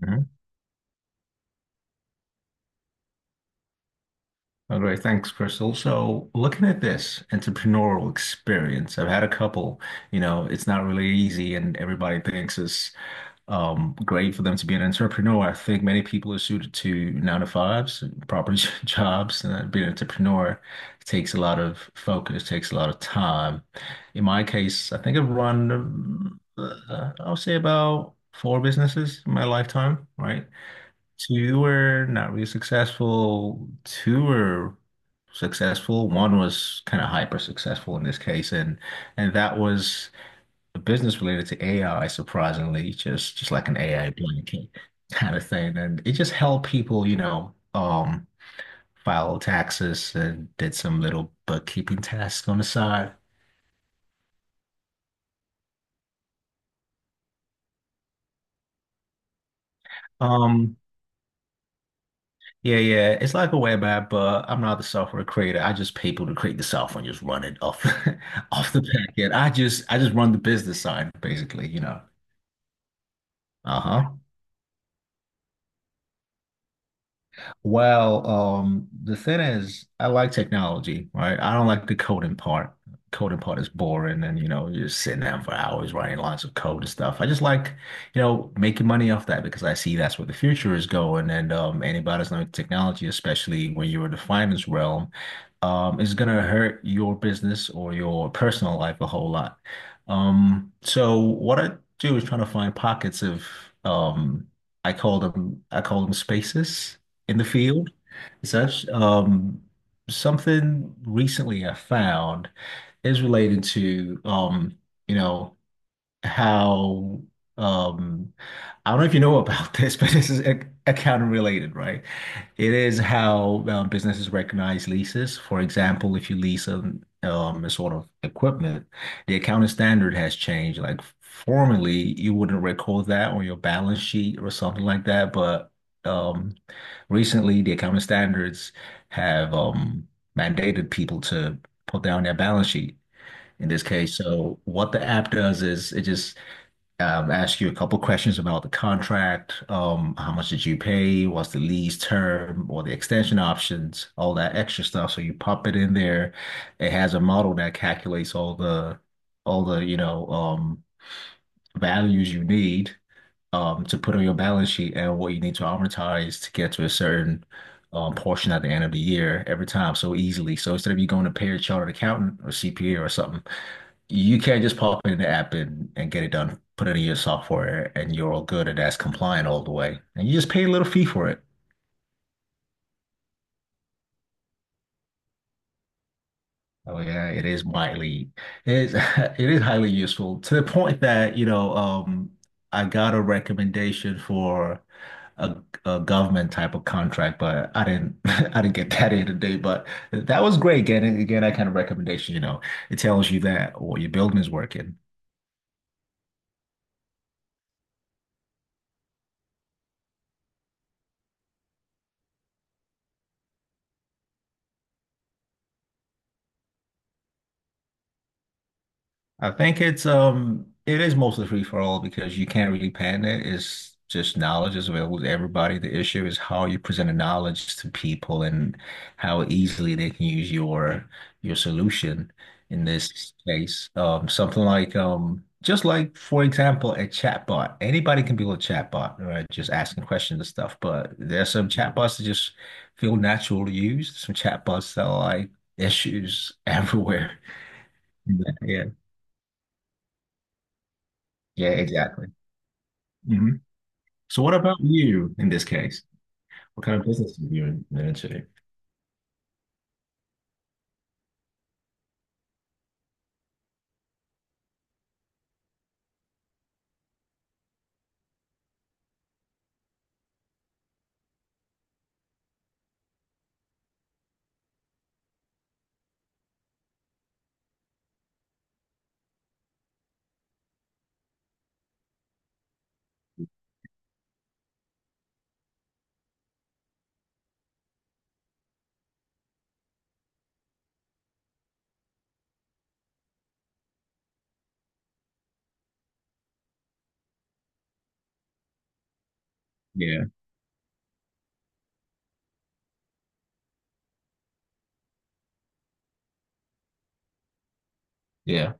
Mhm. All right, thanks, Crystal. So, looking at this entrepreneurial experience, I've had a couple. You know, it's not really easy, and everybody thinks it's great for them to be an entrepreneur. I think many people are suited to nine to fives, proper jobs, and being an entrepreneur takes a lot of focus, takes a lot of time. In my case, I think I've run, I'll say about four businesses in my lifetime, right? Two were not really successful. Two were successful. One was kind of hyper successful in this case, and that was a business related to AI, surprisingly, just like an AI blanket kind of thing. And it just helped people, you know, file taxes and did some little bookkeeping tasks on the side. Um, Yeah, yeah. It's like a web app, but I'm not the software creator. I just pay people to create the software and just run it off off the back end. I just run the business side, basically, you know. Uh-huh. Well, the thing is, I like technology, right? I don't like the coding part. Coding part is boring, and you know, you're sitting down for hours writing lots of code and stuff. I just like, you know, making money off that because I see that's where the future is going. And anybody's learning technology, especially when you're in the finance realm, is gonna hurt your business or your personal life a whole lot. So what I do is trying to find pockets of, um, I call them spaces in the field. So that's Something recently I found is related to you know how um I don't know if you know about this, but this is ac accounting related, right? It is how businesses recognize leases. For example, if you lease a sort of equipment, the accounting standard has changed. Like formerly, you wouldn't record that on your balance sheet or something like that, but um, recently the accounting standards have mandated people to put down their balance sheet in this case. So what the app does is it just ask you a couple questions about the contract. How much did you pay? What's the lease term or the extension options? All that extra stuff. So you pop it in there. It has a model that calculates all the all the you know um, values you need to put on your balance sheet and what you need to amortize to get to a certain portion at the end of the year every time so easily. So instead of you going to pay a chartered accountant or CPA or something, you can't just pop in the app and get it done. Put it in your software and you're all good, and that's compliant all the way. And you just pay a little fee for it. Oh yeah, it is widely, it is it is highly useful to the point that, you know, I got a recommendation for a, a government type of contract, but I didn't I didn't get that in today. But that was great getting again that kind of recommendation, you know. It tells you that or your building is working. I think it's it is mostly free for all because you can't really patent it. It's just knowledge is available to everybody. The issue is how you present the knowledge to people and how easily they can use your solution in this case. Something like just like for example a chatbot. Anybody can build a chatbot, right? Just asking questions and stuff. But there's some chatbots that just feel natural to use. Some chatbots that are like issues everywhere. Yeah. Yeah, exactly. hmm So what about you in this case? What kind of business are you in managing? Yeah. Yeah.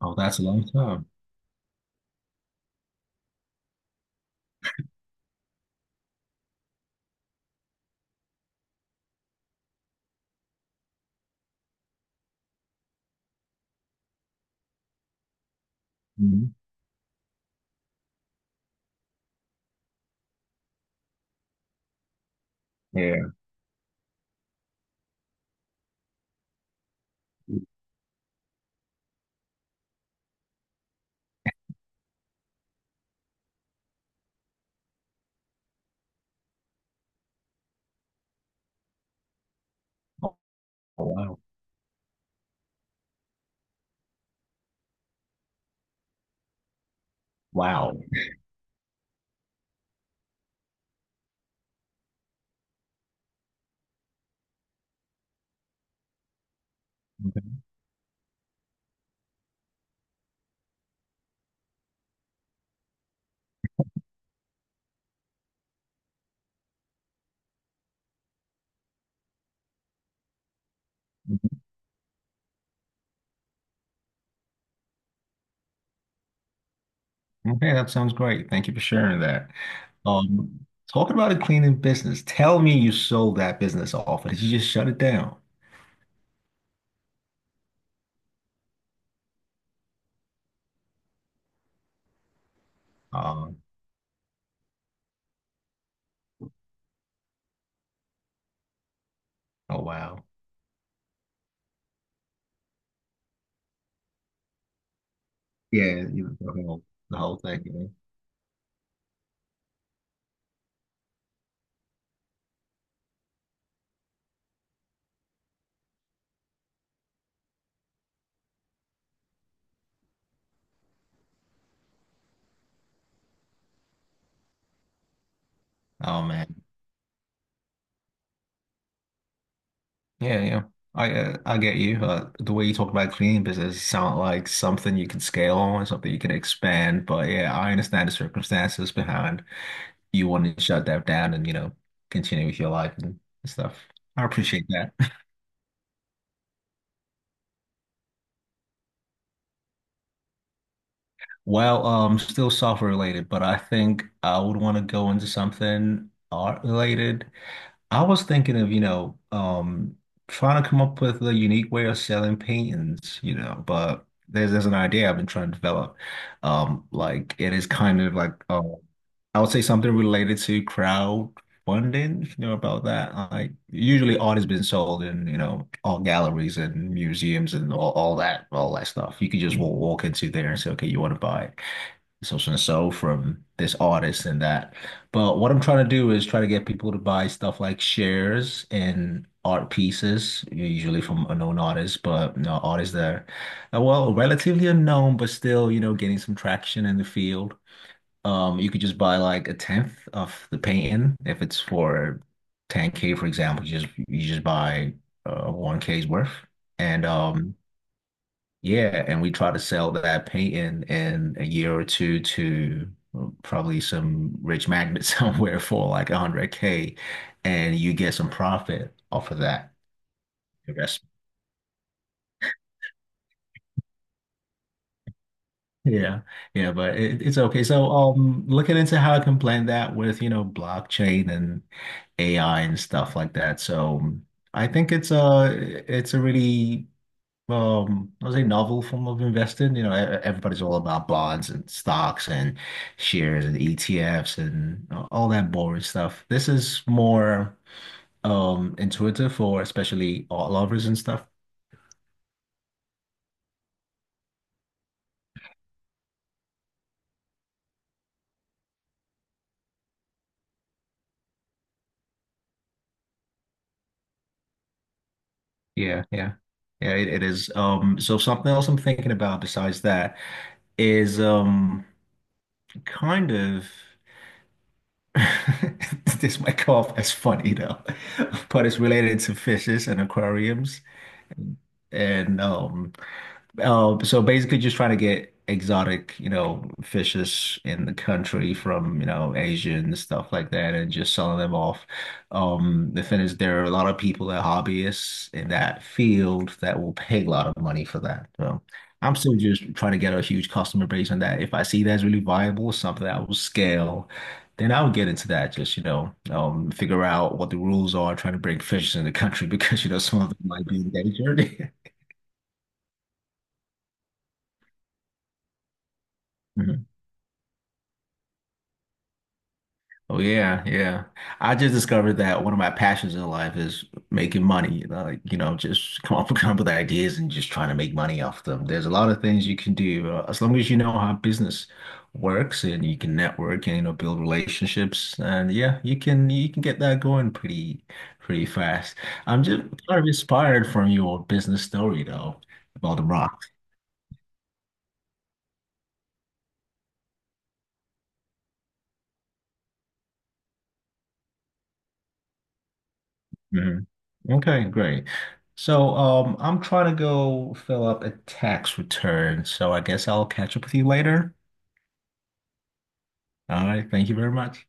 Oh, that's a long time. Mhm. Yeah. Oh, wow. Wow. Okay. Mhm. Okay, that sounds great. Thank you for sharing that. Um, Talking about a cleaning business, tell me, you sold that business off, or did you just shut it down? Um, oh wow. Yeah, the whole thing. You know? Oh man. Yeah, yeah. I get you. The way you talk about cleaning business sound like something you can scale on, something you can expand. But yeah, I understand the circumstances behind you wanting to shut that down and you know continue with your life and stuff. I appreciate that. Well, still software related, but I think I would want to go into something art related. I was thinking of, you know, trying to come up with a unique way of selling paintings, you know, but there's an idea I've been trying to develop. Like it is kind of like I would say something related to crowdfunding, if you know about that. Like usually art has been sold in, you know, all galleries and museums and all, all that stuff. You could just walk into there and say, okay, you want to buy it social and so from this artist and that. But what I'm trying to do is try to get people to buy stuff like shares and art pieces, usually from unknown artists, but you know, artists that are, well, relatively unknown, but still, you know, getting some traction in the field. You could just buy like a tenth of the painting if it's for 10K, for example, you just buy 1K's worth. And Yeah, and we try to sell that painting in a year or two to, well, probably some rich magnet somewhere for like 100K, and you get some profit off of that investment. Yeah, yeah, but it, it's okay. So, looking into how I can blend that with, you know, blockchain and AI and stuff like that. So, I think it's a really I was a novel form of investing. You know, everybody's all about bonds and stocks and shares and ETFs and all that boring stuff. This is more intuitive for especially art lovers and stuff. Yeah, yeah. Yeah, it is. So something else I'm thinking about besides that is kind of this might come off as funny though, but it's related to fishes and aquariums. And so basically just trying to get exotic, you know, fishes in the country from, you know, Asia and stuff like that and just selling them off. The thing is there are a lot of people that are hobbyists in that field that will pay a lot of money for that. So I'm still just trying to get a huge customer base on that. If I see that's really viable, something that will scale, then I would get into that. Just, you know, figure out what the rules are trying to bring fishes in the country because, you know, some of them might be endangered. Oh yeah, yeah. I just discovered that one of my passions in life is making money. You know, like, you know, just come up, come up with ideas and just trying to make money off them. There's a lot of things you can do as long as you know how business works and you can network and you know build relationships. And yeah, you can get that going pretty fast. I'm just kind of inspired from your business story though, about the rock. Mhm. Okay, great. So, I'm trying to go fill up a tax return, so I guess I'll catch up with you later. All right, thank you very much.